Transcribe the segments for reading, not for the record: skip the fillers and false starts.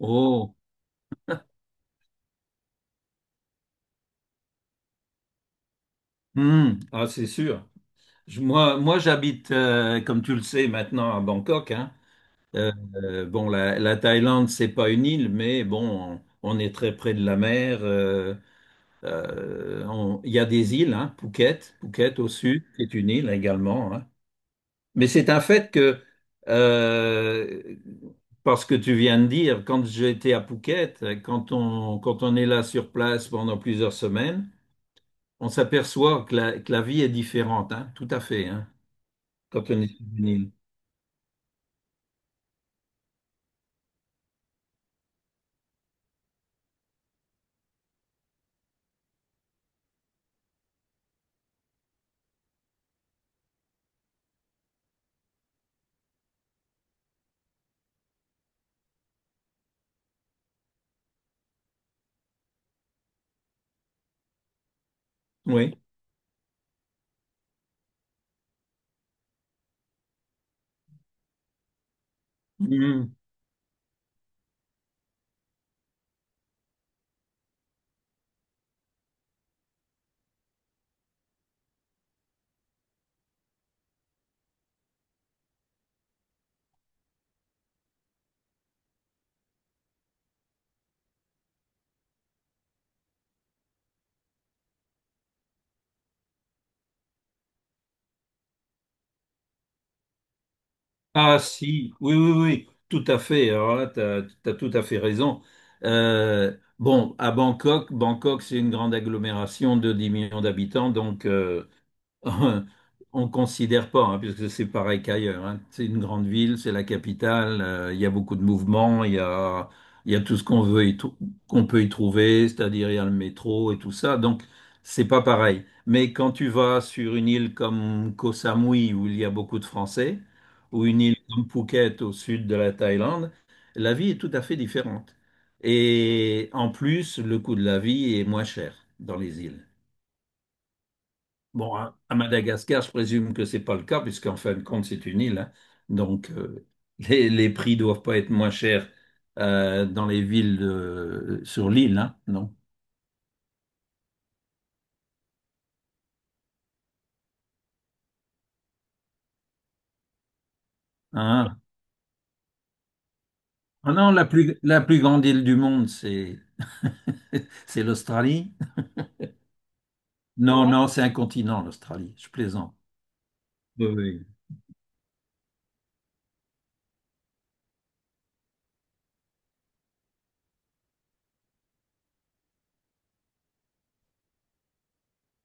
Oh, hmm, ah, c'est sûr. Moi, j'habite, comme tu le sais maintenant, à Bangkok, hein. Bon, la Thaïlande, c'est pas une île, mais bon, on est très près de la mer. Il y a des îles, hein, Phuket au sud, c'est une île également. Hein. Mais c'est un fait que, euh, parce que tu viens de dire, quand j'étais à Phuket, quand on est là sur place pendant plusieurs semaines, on s'aperçoit que que la vie est différente, hein, tout à fait, hein, quand on est juvénile. Oui. Mhm. Ah si, oui, oui, oui, tout à fait. Alors là, tu as, tout à fait raison. Bon, à Bangkok, Bangkok, c'est une grande agglomération de 10 millions d'habitants, donc... On considère pas, hein, puisque c'est pareil qu'ailleurs. Hein. C'est une grande ville, c'est la capitale, il y a beaucoup de mouvements, il y a tout ce qu'on veut y trou- qu'on peut y trouver, c'est-à-dire il y a le métro et tout ça. Donc, c'est pas pareil. Mais quand tu vas sur une île comme Koh Samui, où il y a beaucoup de Français, ou une île comme Phuket au sud de la Thaïlande, la vie est tout à fait différente. Et en plus, le coût de la vie est moins cher dans les îles. Bon, à Madagascar, je présume que c'est pas le cas, puisqu'en fin de compte, c'est une île. Hein. Donc, les prix doivent pas être moins chers dans les villes sur l'île, hein, non? Hein? Ah non, la plus grande île du monde, c'est c'est l'Australie. Non, non, c'est un continent, l'Australie. Je plaisante. Oui, oui.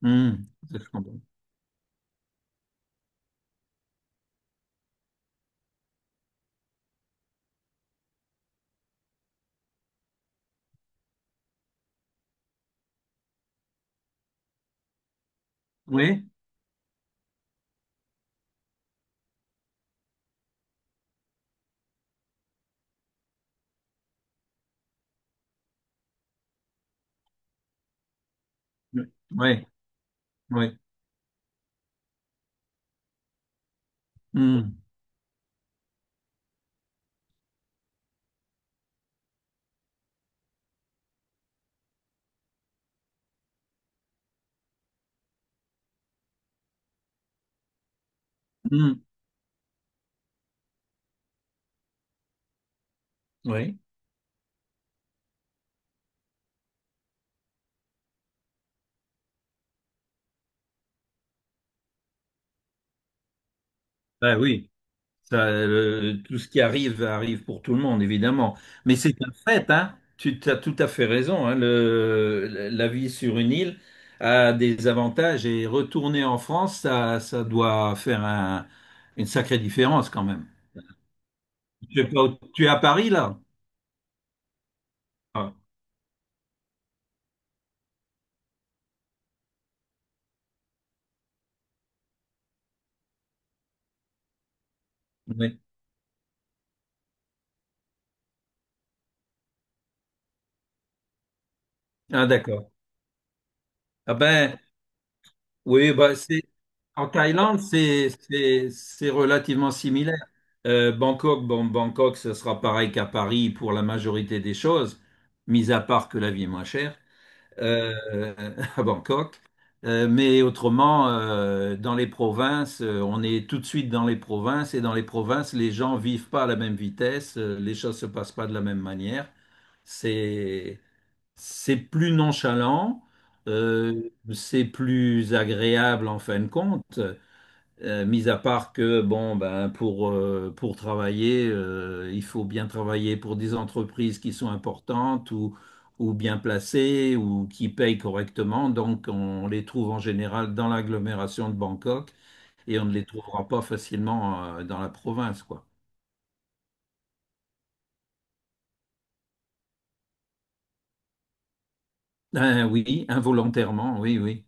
Hmm, ça, je comprends. Oui, oui, oui. Oui. Hmm, hmm, oui. Ben oui. Ça, tout ce qui arrive arrive pour tout le monde, évidemment. Mais c'est un fait, hein. Tu as tout à fait raison. Hein. La vie sur une île a des avantages et retourner en France, ça doit faire une sacrée différence quand même. Tu es pas au- tu es à Paris là? Ah, oui. Ah, d'accord. Ah ben, oui, en Thaïlande, c'est relativement similaire. Bangkok, bon, Bangkok, ce sera pareil qu'à Paris pour la majorité des choses, mis à part que la vie est moins chère euh, à Bangkok. Mais autrement, dans les provinces, on est tout de suite dans les provinces et dans les provinces, les gens vivent pas à la même vitesse, les choses se passent pas de la même manière. C'est c'est plus nonchalant. Mhm. C'est plus agréable en fin de compte, mis à part que bon ben pour travailler, il faut bien travailler pour des entreprises qui sont importantes ou bien placées ou qui payent correctement. Donc on les trouve en général dans l'agglomération de Bangkok et on ne les trouvera pas facilement dans la province quoi. Ben oui, involontairement, oui, oui.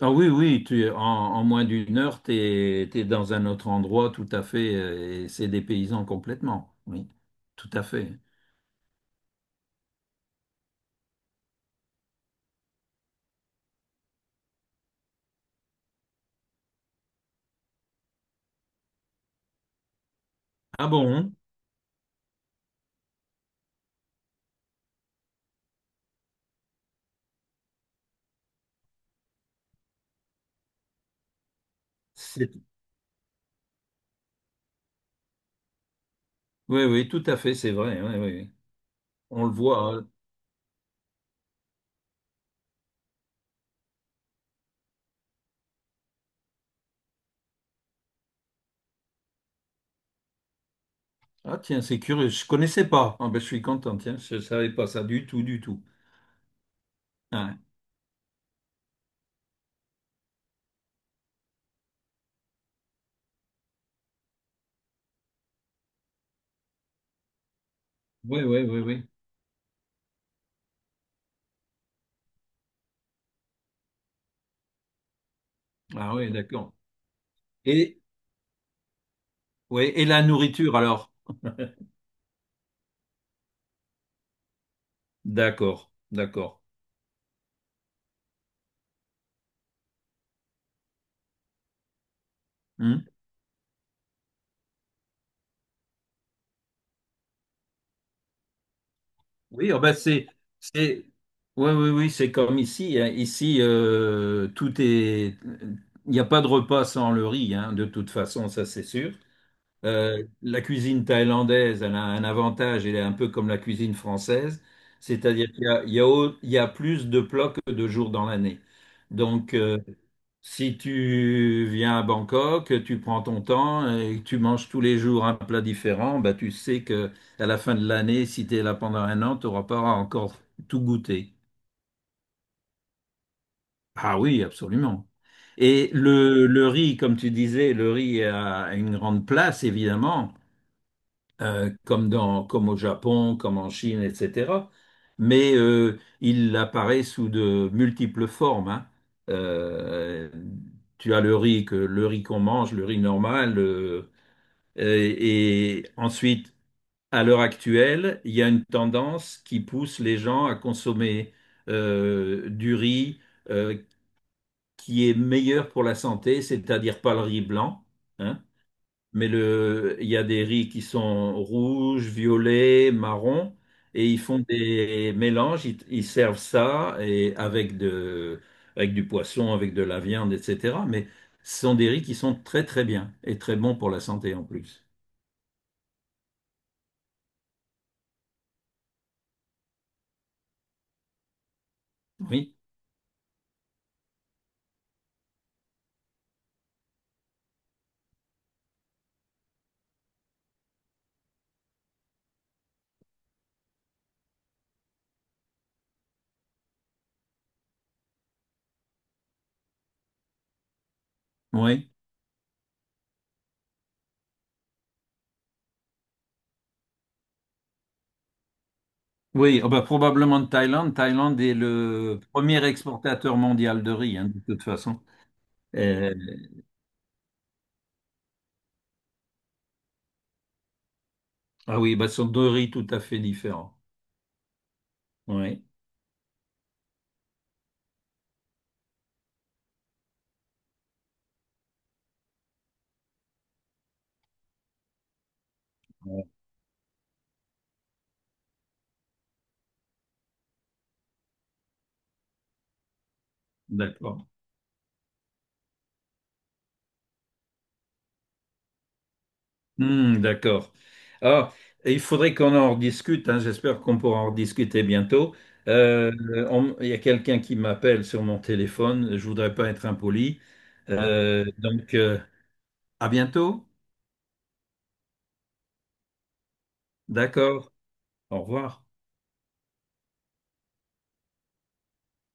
Ah oui, oui, tu es en moins d'1 heure, tu es, dans un autre endroit tout à fait, et c'est des paysans complètement. Oui, tout à fait. Ah bon? C'est- Oui, oui, tout à fait, c'est vrai. Oui, oui. On le voit. Hein. Ah tiens, c'est curieux, je connaissais pas. Ah ben, je suis content, tiens, je ne savais pas ça du tout, du tout. Ah, oui, oui, oui, oui. Ah oui, d'accord. Et, ouais, et la nourriture alors? D'accord, d'accord. Hmm? Oui, c'est, oui, oui, oui, c'est comme ici. Hein. Ici, il n'y a pas de repas sans le riz, hein, de toute façon, ça c'est sûr. La cuisine thaïlandaise, elle a un avantage, elle est un peu comme la cuisine française, c'est-à-dire qu'il y a plus de plats que de jours dans l'année. Donc, si tu viens à Bangkok, tu prends ton temps et tu manges tous les jours un plat différent, bah tu sais que à la fin de l'année, si tu es là pendant un an, tu n'auras pas encore tout goûté. Ah oui, absolument. Et le riz, comme tu disais, le riz a une grande place, évidemment. Comme dans, comme au Japon, comme en Chine, etc. Mais il apparaît sous de multiples formes. Hein. Euh, tu as le riz que le riz qu'on mange, le riz normal, et ensuite, à l'heure actuelle, il y a une tendance qui pousse les gens à consommer du riz euh, qui est meilleur pour la santé, c'est-à-dire pas le riz blanc. Hein mais le, il y a des riz qui sont rouges, violets, marrons, et ils font des mélanges, ils servent ça et avec de, avec du poisson, avec de la viande, etc. Mais ce sont des riz qui sont très très bien et très bons pour la santé en plus. Oui, oui. Oui, ah bah, probablement de Thaïlande. Thaïlande est le premier exportateur mondial de riz, hein, de toute façon. Euh, ah oui, bah, ce sont deux riz tout à fait différents. Oui, d'accord. Hmm, d'accord. Ah, il faudrait qu'on en rediscute, hein, j'espère qu'on pourra en rediscuter bientôt. Euh, il y a quelqu'un qui m'appelle sur mon téléphone, je voudrais pas être impoli. Ah, donc, à bientôt. D'accord. Au revoir.